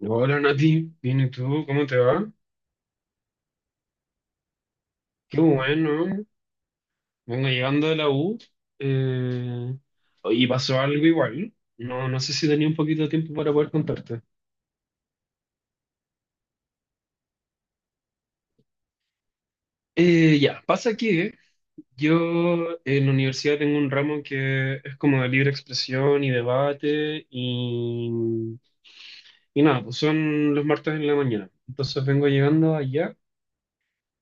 Hola Nati, bien, ¿y tú? ¿Cómo te va? Qué bueno, vengo llegando de la U. Eh, oye, pasó algo igual. No, no sé si tenía un poquito de tiempo para poder contarte. Ya, pasa que yo en la universidad tengo un ramo que es como de libre expresión y debate y nada, pues son los martes en la mañana. Entonces vengo llegando allá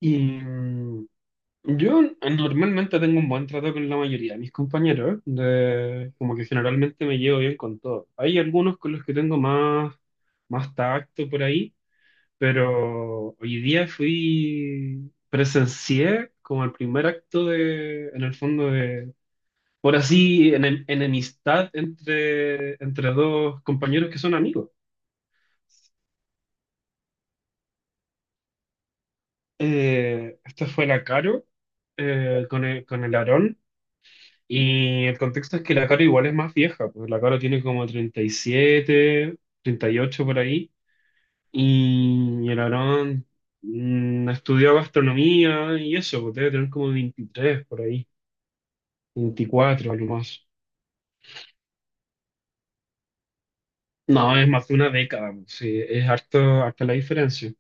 y, yo normalmente tengo un buen trato con la mayoría de mis compañeros, de, como que generalmente me llevo bien con todos. Hay algunos con los que tengo más tacto por ahí, pero hoy día fui, presencié como el primer acto de, en el fondo de, por así, enemistad entre dos compañeros que son amigos. Esta fue la Caro, con el Aarón. Y el contexto es que la Caro igual es más vieja, pues la Caro tiene como 37 38 por ahí, y el Aarón, estudió gastronomía y eso, pues debe tener como 23 por ahí, 24 algo más. No, es más de una década, pues, sí, es harto, harta la diferencia.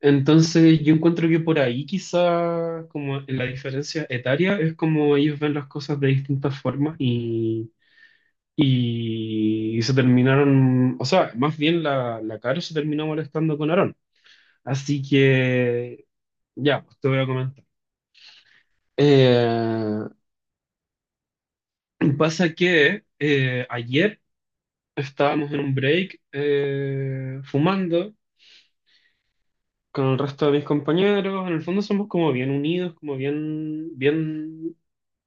Entonces yo encuentro que por ahí quizá como en la diferencia etaria es como ellos ven las cosas de distintas formas y se terminaron, o sea, más bien la Caro se terminó molestando con Aarón. Así que, ya, pues te voy a comentar. Eh, pasa que ayer estábamos en un break, fumando con el resto de mis compañeros. En el fondo somos como bien unidos, como bien, bien,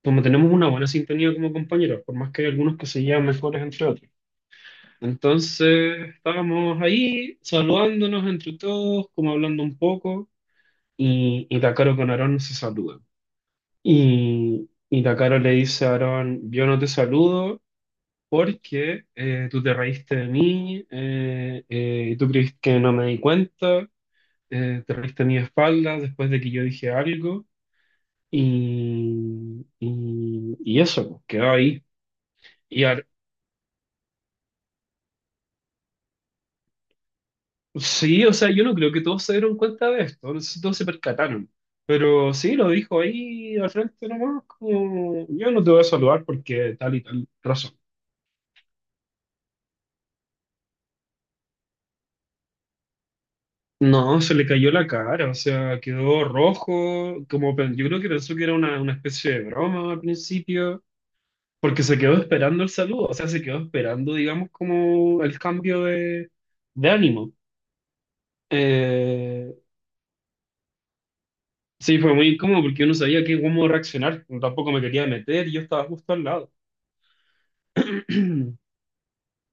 como tenemos una buena sintonía como compañeros, por más que hay algunos que se llevan mejores entre otros. Entonces estábamos ahí saludándonos entre todos, como hablando un poco, y Takaro con Aarón se saludan. Y Takaro le dice a Aarón, yo no te saludo porque tú te reíste de mí, tú creíste que no me di cuenta, te reíste de mi espalda después de que yo dije algo, y eso, pues, quedó ahí. Y, Aar- Sí, o sea, yo no creo que todos se dieron cuenta de esto, no sé si todos se percataron, pero sí, lo dijo ahí al frente nomás, como, yo no te voy a saludar porque tal y tal razón. No, se le cayó la cara, o sea, quedó rojo, como yo creo que pensó que era una especie de broma al principio, porque se quedó esperando el saludo, o sea, se quedó esperando, digamos, como el cambio de ánimo. Eh, sí, fue muy incómodo porque yo no sabía qué, cómo reaccionar, tampoco me quería meter, y yo estaba justo al lado.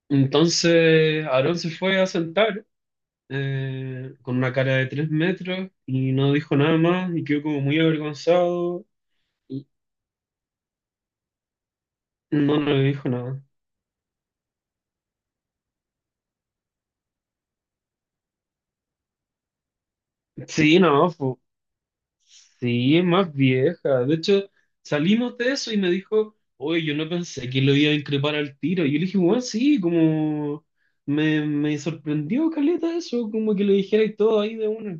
Entonces Aarón se fue a sentar, con una cara de tres metros y no dijo nada más y quedó como muy avergonzado y no le dijo nada. Sí, no, sí, es más vieja. De hecho, salimos de eso y me dijo, oye, yo no pensé que lo iba a increpar al tiro. Y yo le dije, bueno, sí, como me sorprendió, caleta, eso, como que le dijera y todo ahí de una.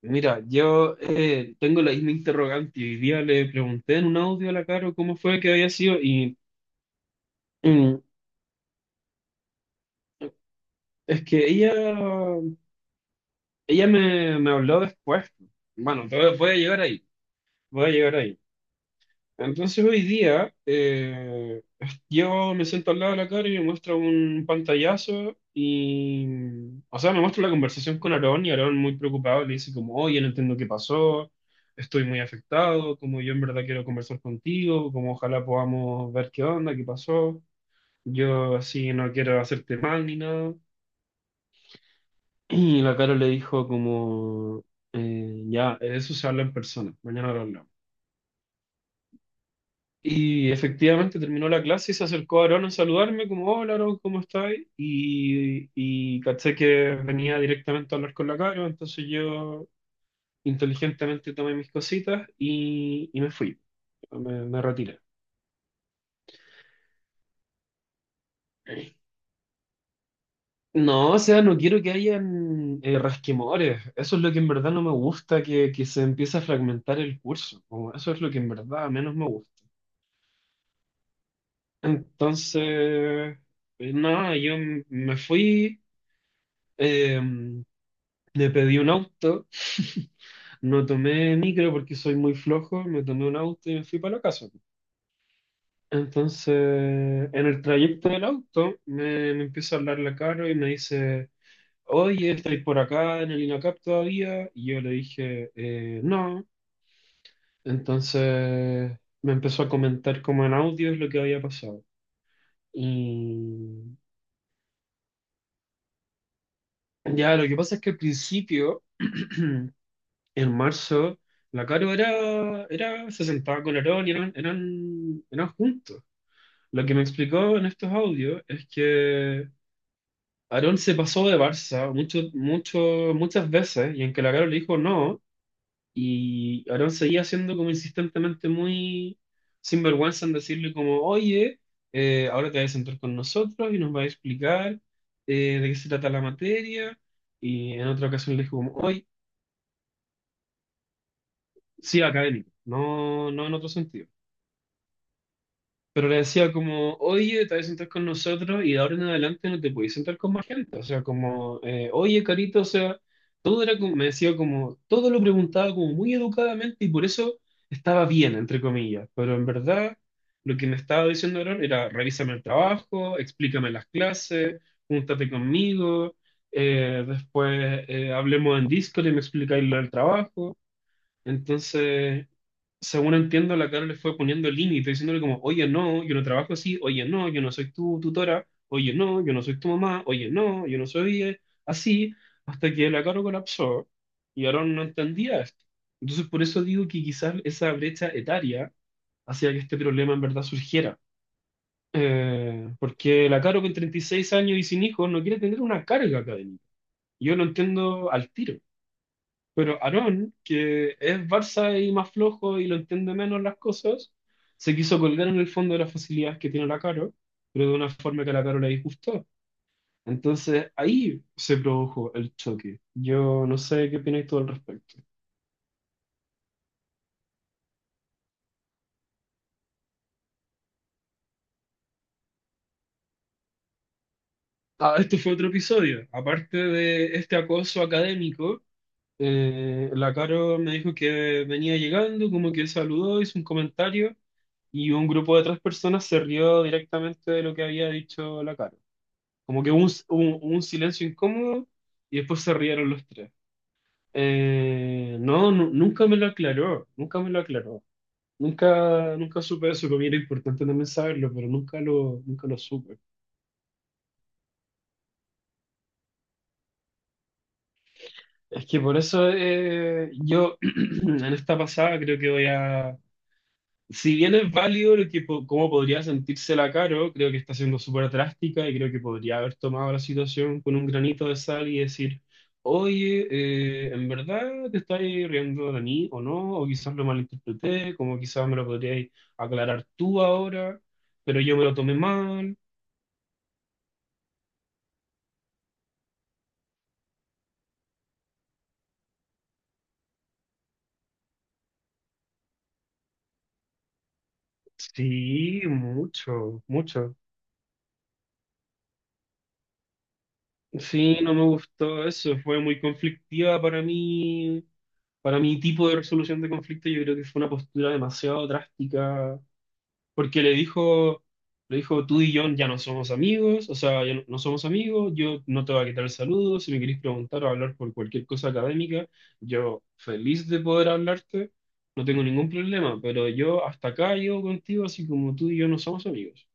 Mira, yo, tengo la misma interrogante y hoy día le pregunté en un audio a la Caro cómo fue que había sido y, mm, es que ella, ella me habló después. Bueno, voy a llegar ahí, voy a llegar ahí. Entonces hoy día, yo me siento al lado de la cara y me muestra un pantallazo y, o sea, me muestra la conversación con Aarón, y Aarón muy preocupado le dice como, oye, no entiendo qué pasó, estoy muy afectado, como yo en verdad quiero conversar contigo, como ojalá podamos ver qué onda, qué pasó, yo así no quiero hacerte mal ni nada. Y la cara le dijo como, ya, de eso se habla en persona, mañana lo hablamos. Y efectivamente terminó la clase y se acercó Aarón a saludarme, como, hola Aarón, ¿cómo estás? Y caché que venía directamente a hablar con la Caro, entonces yo inteligentemente tomé mis cositas y me fui, me retiré. No, o sea, no quiero que hayan, rasquemores. Eso es lo que en verdad no me gusta, que se empiece a fragmentar el curso. Como eso es lo que en verdad menos me gusta. Entonces, nada, yo me fui, eh, le pedí un auto, no tomé micro porque soy muy flojo, me tomé un auto y me fui para la casa. Entonces, en el trayecto del auto, me empieza a hablar la Caro y me dice, oye, ¿estáis por acá en el INACAP todavía? Y yo le dije: No". Entonces me empezó a comentar como en audio lo que había pasado. Y ya, lo que pasa es que al principio... en marzo, la Caro era, se sentaba con Aarón y eran juntos. Lo que me explicó en estos audios es que Aarón se pasó de Barça mucho, mucho, muchas veces y en que la Caro le dijo no, y Aarón seguía siendo como insistentemente muy sinvergüenza en decirle como, oye, ahora te vas a sentar con nosotros y nos va a explicar, de qué se trata la materia. Y en otra ocasión le dijo como, oye, sí, académico, no, no en otro sentido. Pero le decía como, oye, te vas a sentar con nosotros y de ahora en adelante no te podéis sentar con más gente. O sea, como, oye, Carito, o sea, todo era como, me decía como, todo lo preguntaba como muy educadamente y por eso estaba bien, entre comillas. Pero en verdad, lo que me estaba diciendo Aaron era, revísame el trabajo, explícame las clases, júntate conmigo, después, hablemos en Discord y me explicáis lo del trabajo. Entonces, según entiendo, la Carol le fue poniendo límite, diciéndole como, oye, no, yo no trabajo así, oye, no, yo no soy tu tutora, oye, no, yo no soy tu mamá, oye, no, yo no soy, así, hasta que la Carol colapsó y Aaron no entendía esto. Entonces, por eso digo que quizás esa brecha etaria hacía que este problema en verdad surgiera. Porque la Caro con 36 años y sin hijos no quiere tener una carga académica. Yo lo entiendo al tiro. Pero Aarón, que es Barça y más flojo y lo entiende menos las cosas, se quiso colgar en el fondo de las facilidades que tiene la Caro, pero de una forma que a la Caro le disgustó. Entonces ahí se produjo el choque. Yo no sé qué opináis todo al respecto. Ah, este fue otro episodio. Aparte de este acoso académico, la Caro me dijo que venía llegando, como que saludó, hizo un comentario y un grupo de tres personas se rió directamente de lo que había dicho la Caro. Como que hubo un silencio incómodo y después se rieron los tres. No, nunca me lo aclaró, nunca me lo aclaró. Nunca, nunca supe eso, como era importante también saberlo, pero nunca lo supe. Es que por eso, yo en esta pasada creo que voy a, si bien es válido lo que, cómo podría sentírsela Caro, creo que está siendo súper drástica y creo que podría haber tomado la situación con un granito de sal y decir, oye, ¿en verdad te estás riendo de mí o no? O quizás lo malinterpreté, como quizás me lo podrías aclarar tú ahora, pero yo me lo tomé mal. Sí, mucho, mucho. Sí, no me gustó eso, fue muy conflictiva para mí. Para mi tipo de resolución de conflicto, yo creo que fue una postura demasiado drástica porque le dijo, tú y yo ya no somos amigos, o sea, ya no, no somos amigos, yo no te voy a quitar el saludo, si me querés preguntar o hablar por cualquier cosa académica, yo feliz de poder hablarte, no tengo ningún problema, pero yo hasta acá llego contigo, así como tú y yo no somos amigos.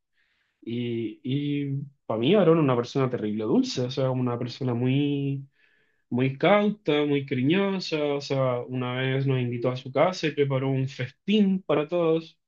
Y para mí Aaron es una persona terrible dulce, o sea, una persona muy, muy cauta, muy cariñosa, o sea, una vez nos invitó a su casa y preparó un festín para todos.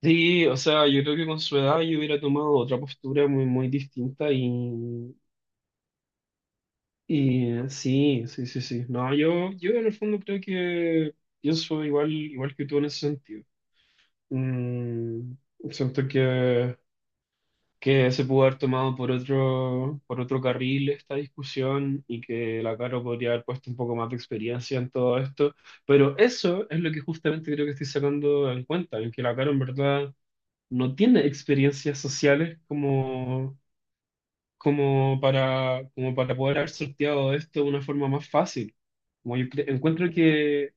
Sí, o sea, yo creo que con su edad yo hubiera tomado otra postura muy, muy distinta y sí, sí, sí, sí. No, yo, en el fondo creo que pienso igual que tú en ese sentido. Mm, siento que se pudo haber tomado por otro carril esta discusión y que la Caro podría haber puesto un poco más de experiencia en todo esto, pero eso es lo que justamente creo que estoy sacando en cuenta, en que la Caro en verdad... no tiene experiencias sociales como, como para poder haber sorteado esto de una forma más fácil. Como yo encuentro que,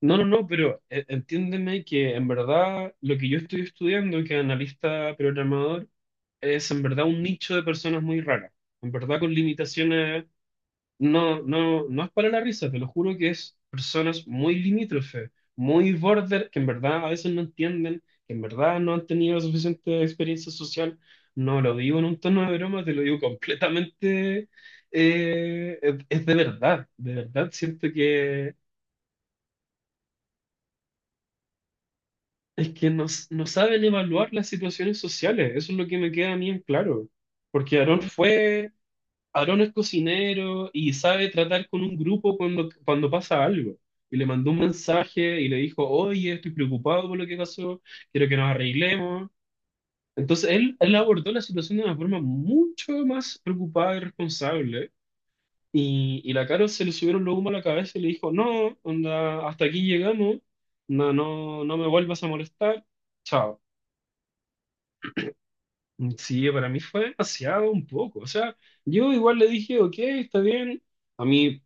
no, no, no, pero, entiéndeme que en verdad lo que yo estoy estudiando, que analista programador, es en verdad un nicho de personas muy raras, en verdad con limitaciones. No, no, no es para la risa, te lo juro que es personas muy limítrofe, muy border, que en verdad a veces no entienden, que en verdad no han tenido suficiente experiencia social. No lo digo en un tono de broma, te lo digo completamente. Es, de verdad siento que es que no, no saben evaluar las situaciones sociales. Eso es lo que me queda a mí en claro. Porque Aarón es cocinero y sabe tratar con un grupo cuando pasa algo. Y le mandó un mensaje y le dijo, oye, estoy preocupado por lo que pasó, quiero que nos arreglemos. Entonces él abordó la situación de una forma mucho más preocupada y responsable. Y la Caro se le subieron los humos a la cabeza y le dijo, no, onda, hasta aquí llegamos, no, no, no me vuelvas a molestar, chao. Sí, para mí fue demasiado un poco. O sea, yo igual le dije, ok, está bien. A mí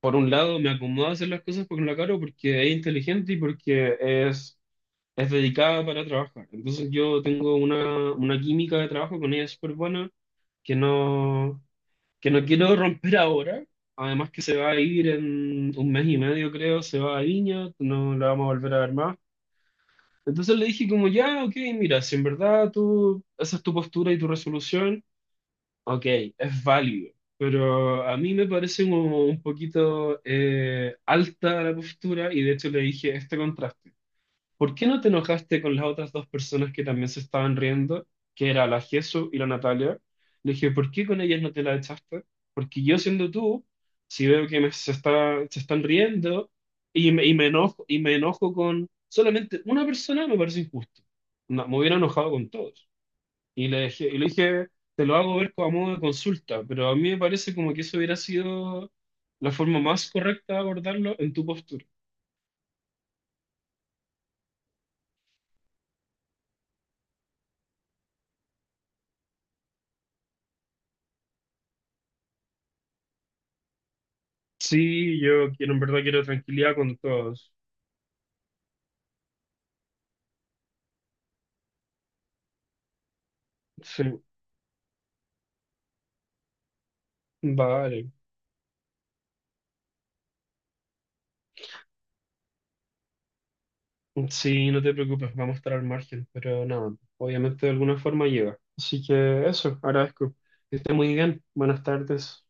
por un lado me acomoda hacer las cosas con la Caro porque es inteligente y porque es dedicada para trabajar. Entonces yo tengo una química de trabajo con ella súper buena que no, que no quiero romper ahora. Además que se va a ir en un mes y medio, creo, se va a Viña, no la vamos a volver a ver más. Entonces le dije como, ya, ok, mira, si en verdad tú, esa es tu postura y tu resolución, ok, es válido, pero a mí me parece como un poquito, alta la postura y de hecho le dije este contraste. ¿Por qué no te enojaste con las otras dos personas que también se estaban riendo, que era la Jesu y la Natalia? Le dije, ¿por qué con ellas no te la echaste? Porque yo siendo tú, si veo que me, se están riendo y me enojo con solamente una persona, me parece injusto. No, me hubiera enojado con todos. Y le dejé, y le dije, te lo hago ver como a modo de consulta, pero a mí me parece como que eso hubiera sido la forma más correcta de abordarlo en tu postura. Sí, yo quiero, en verdad quiero tranquilidad con todos. Sí, vale. Sí, no te preocupes, vamos a estar al margen, pero nada, obviamente de alguna forma llega. Así que eso, agradezco. Que esté muy bien. Buenas tardes.